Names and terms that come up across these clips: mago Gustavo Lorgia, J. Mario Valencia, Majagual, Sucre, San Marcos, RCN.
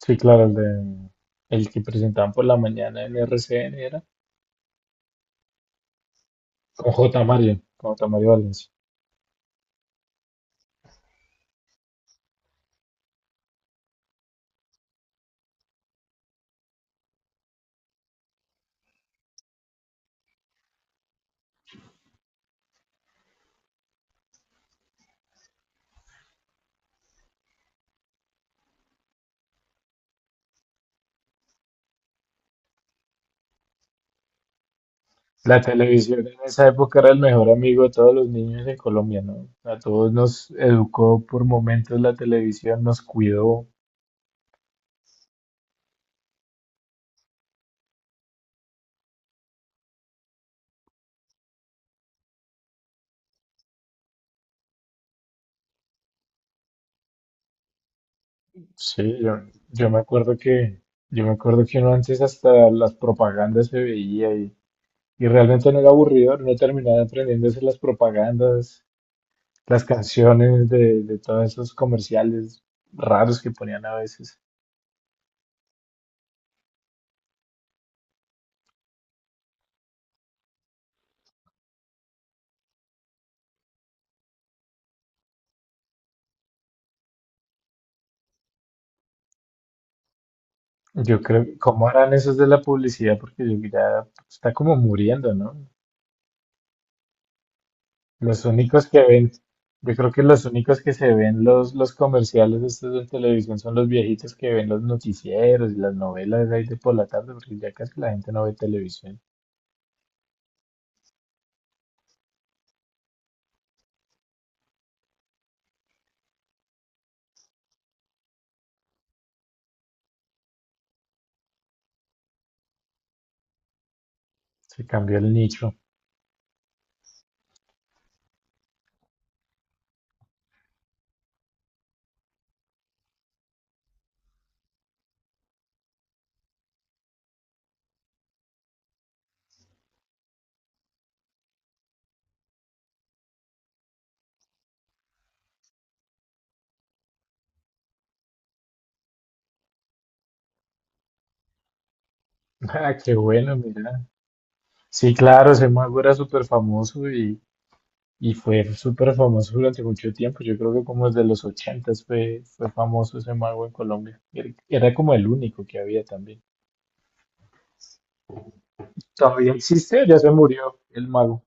Sí, claro, el de el que presentaban por la mañana en RCN era con J. Mario, con J. Mario Valencia. La televisión en esa época era el mejor amigo de todos los niños en Colombia, ¿no? A todos nos educó por momentos la televisión, nos cuidó. Sí, yo me acuerdo que uno antes hasta las propagandas se veía y realmente no era aburrido, no terminaba aprendiéndose las propagandas, las canciones de todos esos comerciales raros que ponían a veces. Yo creo, ¿cómo harán esos de la publicidad? Porque yo- ya está como muriendo, ¿no? Los únicos que ven, Yo creo que los únicos que se ven los comerciales estos de televisión son los viejitos que ven los noticieros y las novelas ahí de por la tarde, porque ya casi la gente no ve televisión. Se cambió el nicho. Ah, qué bueno, mira. Sí, claro, se mueve súper famoso. Y fue súper famoso durante mucho tiempo. Yo creo que como desde los ochentas fue famoso ese mago en Colombia. Era como el único que había también. ¿Todavía existe o ya se murió el mago?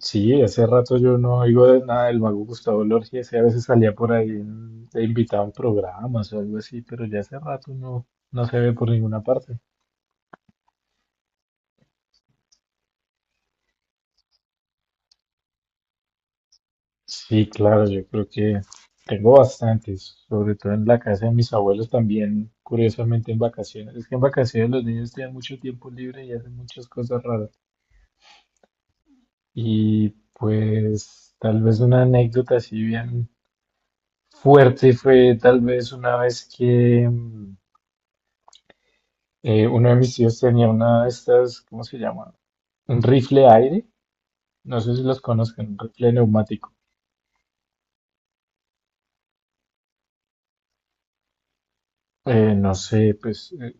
Sí, hace rato yo no oigo de nada del mago Gustavo Lorgia. Ese a veces salía por ahí en- de invitado programas o algo así, pero ya hace rato no, no se ve por ninguna parte. Sí, claro, yo creo que tengo bastantes, sobre todo en la casa de mis abuelos también, curiosamente en vacaciones. Es que en vacaciones los niños tienen mucho tiempo libre y hacen muchas cosas raras. Y pues tal vez una anécdota así bien fuerte fue tal vez una vez que uno de mis tíos tenía una de estas, ¿cómo se llama? Un rifle aire, no sé si los conocen, un rifle neumático. No sé, pues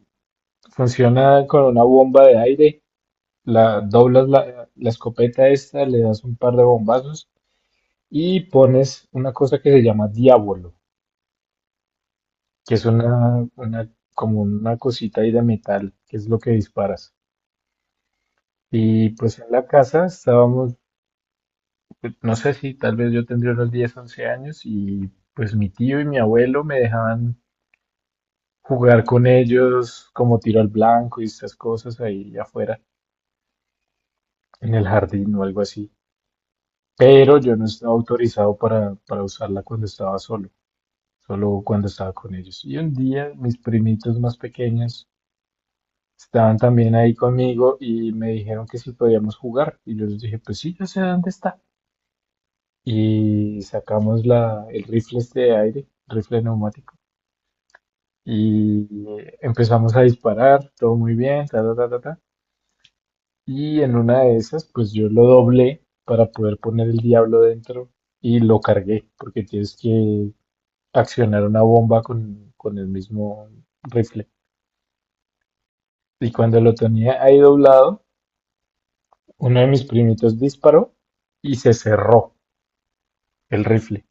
funciona con una bomba de aire. La, doblas la, la escopeta esta, le das un par de bombazos y pones una cosa que se llama diablo, que es una, como una cosita ahí de metal, que es lo que disparas. Y pues en la casa estábamos, no sé si tal vez yo tendría unos 10 11 años y pues mi tío y mi abuelo me dejaban jugar con ellos como tiro al blanco y estas cosas ahí afuera, en el jardín o algo así. Pero yo no estaba autorizado para usarla cuando estaba solo. Solo cuando estaba con ellos. Y un día mis primitos más pequeños estaban también ahí conmigo y me dijeron que si podíamos jugar. Y yo les dije, pues sí, yo sé dónde está. Y sacamos la, el rifle este de aire, rifle neumático. Y empezamos a disparar, todo muy bien, ta, ta, ta, ta, ta. Y en una de esas, pues yo lo doblé para poder poner el diablo dentro y lo cargué, porque tienes que accionar una bomba con el mismo rifle. Y cuando lo tenía ahí doblado, uno de mis primitos disparó y se cerró el rifle.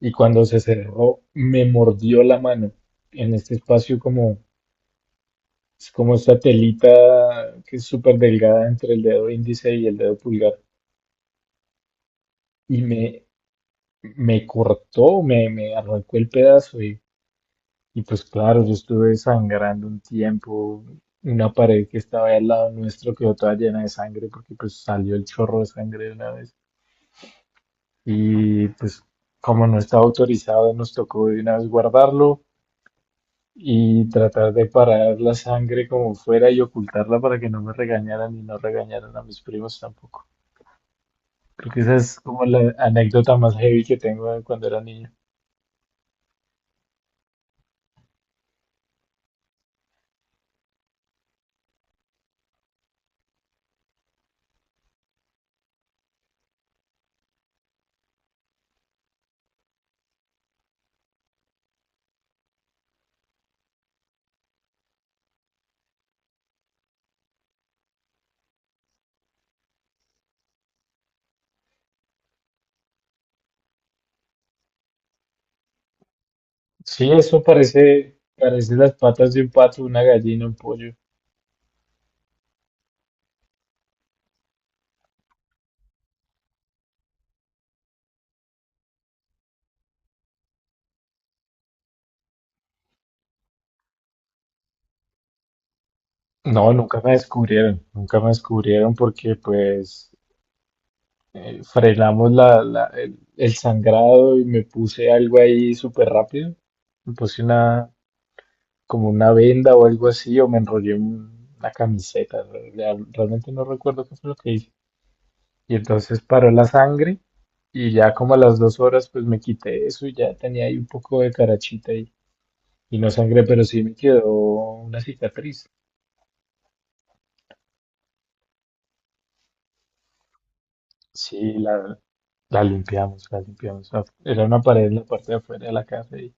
Y cuando se cerró, me mordió la mano en este espacio como, es como esta telita que es súper delgada entre el dedo índice y el dedo pulgar. Y me cortó, me arrancó el pedazo y pues claro, yo estuve sangrando un tiempo. Una pared que estaba ahí al lado nuestro quedó toda llena de sangre porque pues salió el chorro de sangre de una vez. Y pues como no estaba autorizado nos tocó de una vez guardarlo y tratar de parar la sangre como fuera y ocultarla para que no me regañaran y no regañaran a mis primos tampoco. Creo que esa es como la anécdota más heavy que tengo de cuando era niño. Sí, eso parece, parece las patas de un pato, una gallina, un pollo. No, nunca me descubrieron, nunca me descubrieron porque pues frenamos el sangrado y me puse algo ahí súper rápido. Me puse una, Como una venda o algo así, o me enrollé un- una camiseta. Real- Realmente no recuerdo qué fue lo que hice. Y entonces paró la sangre y ya como a las dos horas pues me quité eso y ya tenía ahí un poco de carachita y no sangré, pero sí me quedó una cicatriz. Sí, la limpiamos, la limpiamos. Era una pared en la parte de afuera de la casa y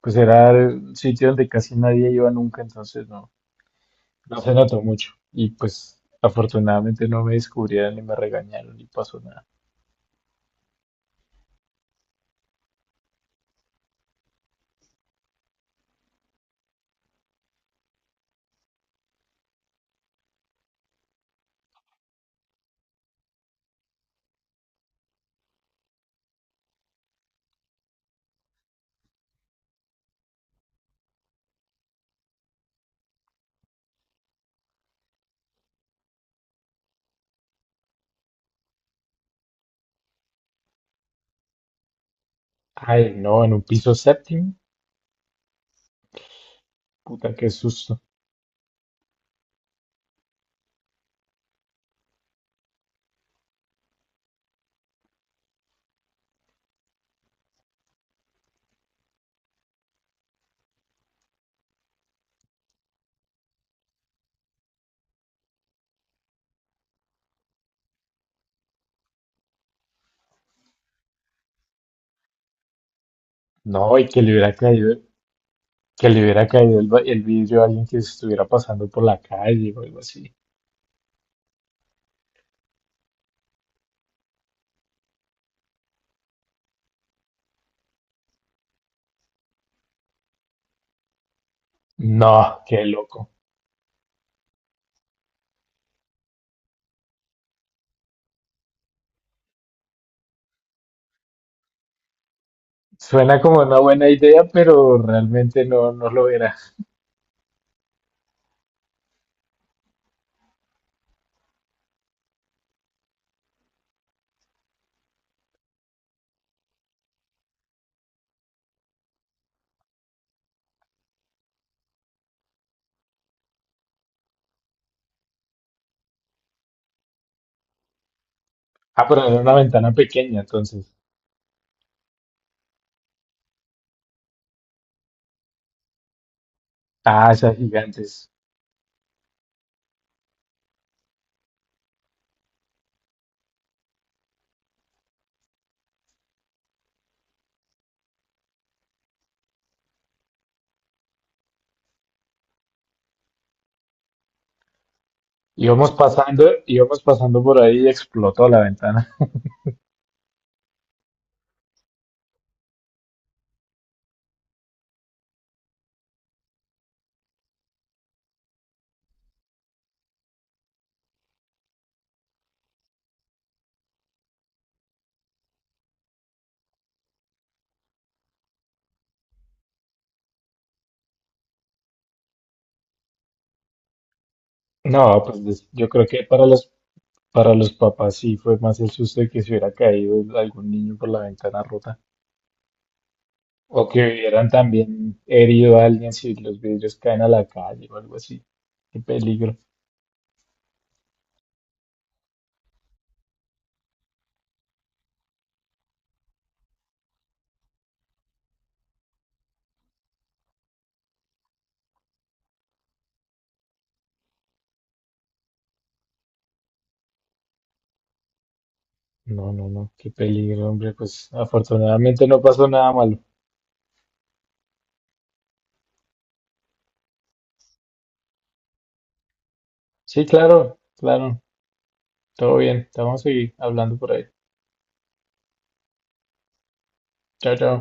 pues era el sitio donde casi nadie iba nunca, entonces no, no se notó mucho. Y pues afortunadamente no me descubrieron ni me regañaron ni pasó nada. Ay, no, en un piso séptimo, puta, qué susto. No, y que le hubiera caído, que le hubiera caído el, va- el vidrio a alguien que estuviera pasando por la calle o algo así. No, qué loco. Suena como una buena idea, pero realmente no, no lo era. Ah, pero era una ventana pequeña, entonces. Ah, esas gigantes. Íbamos pasando por ahí y explotó la ventana. No, pues des- yo creo que para para los papás sí fue más el susto de que se hubiera caído algún niño por la ventana rota. O que hubieran también herido a alguien si los vidrios caen a la calle o algo así. Qué peligro. No, no, no, qué peligro, hombre. Pues afortunadamente no pasó nada malo. Sí, claro, claro. Todo bien. Te vamos a seguir hablando por ahí. Chao, chao.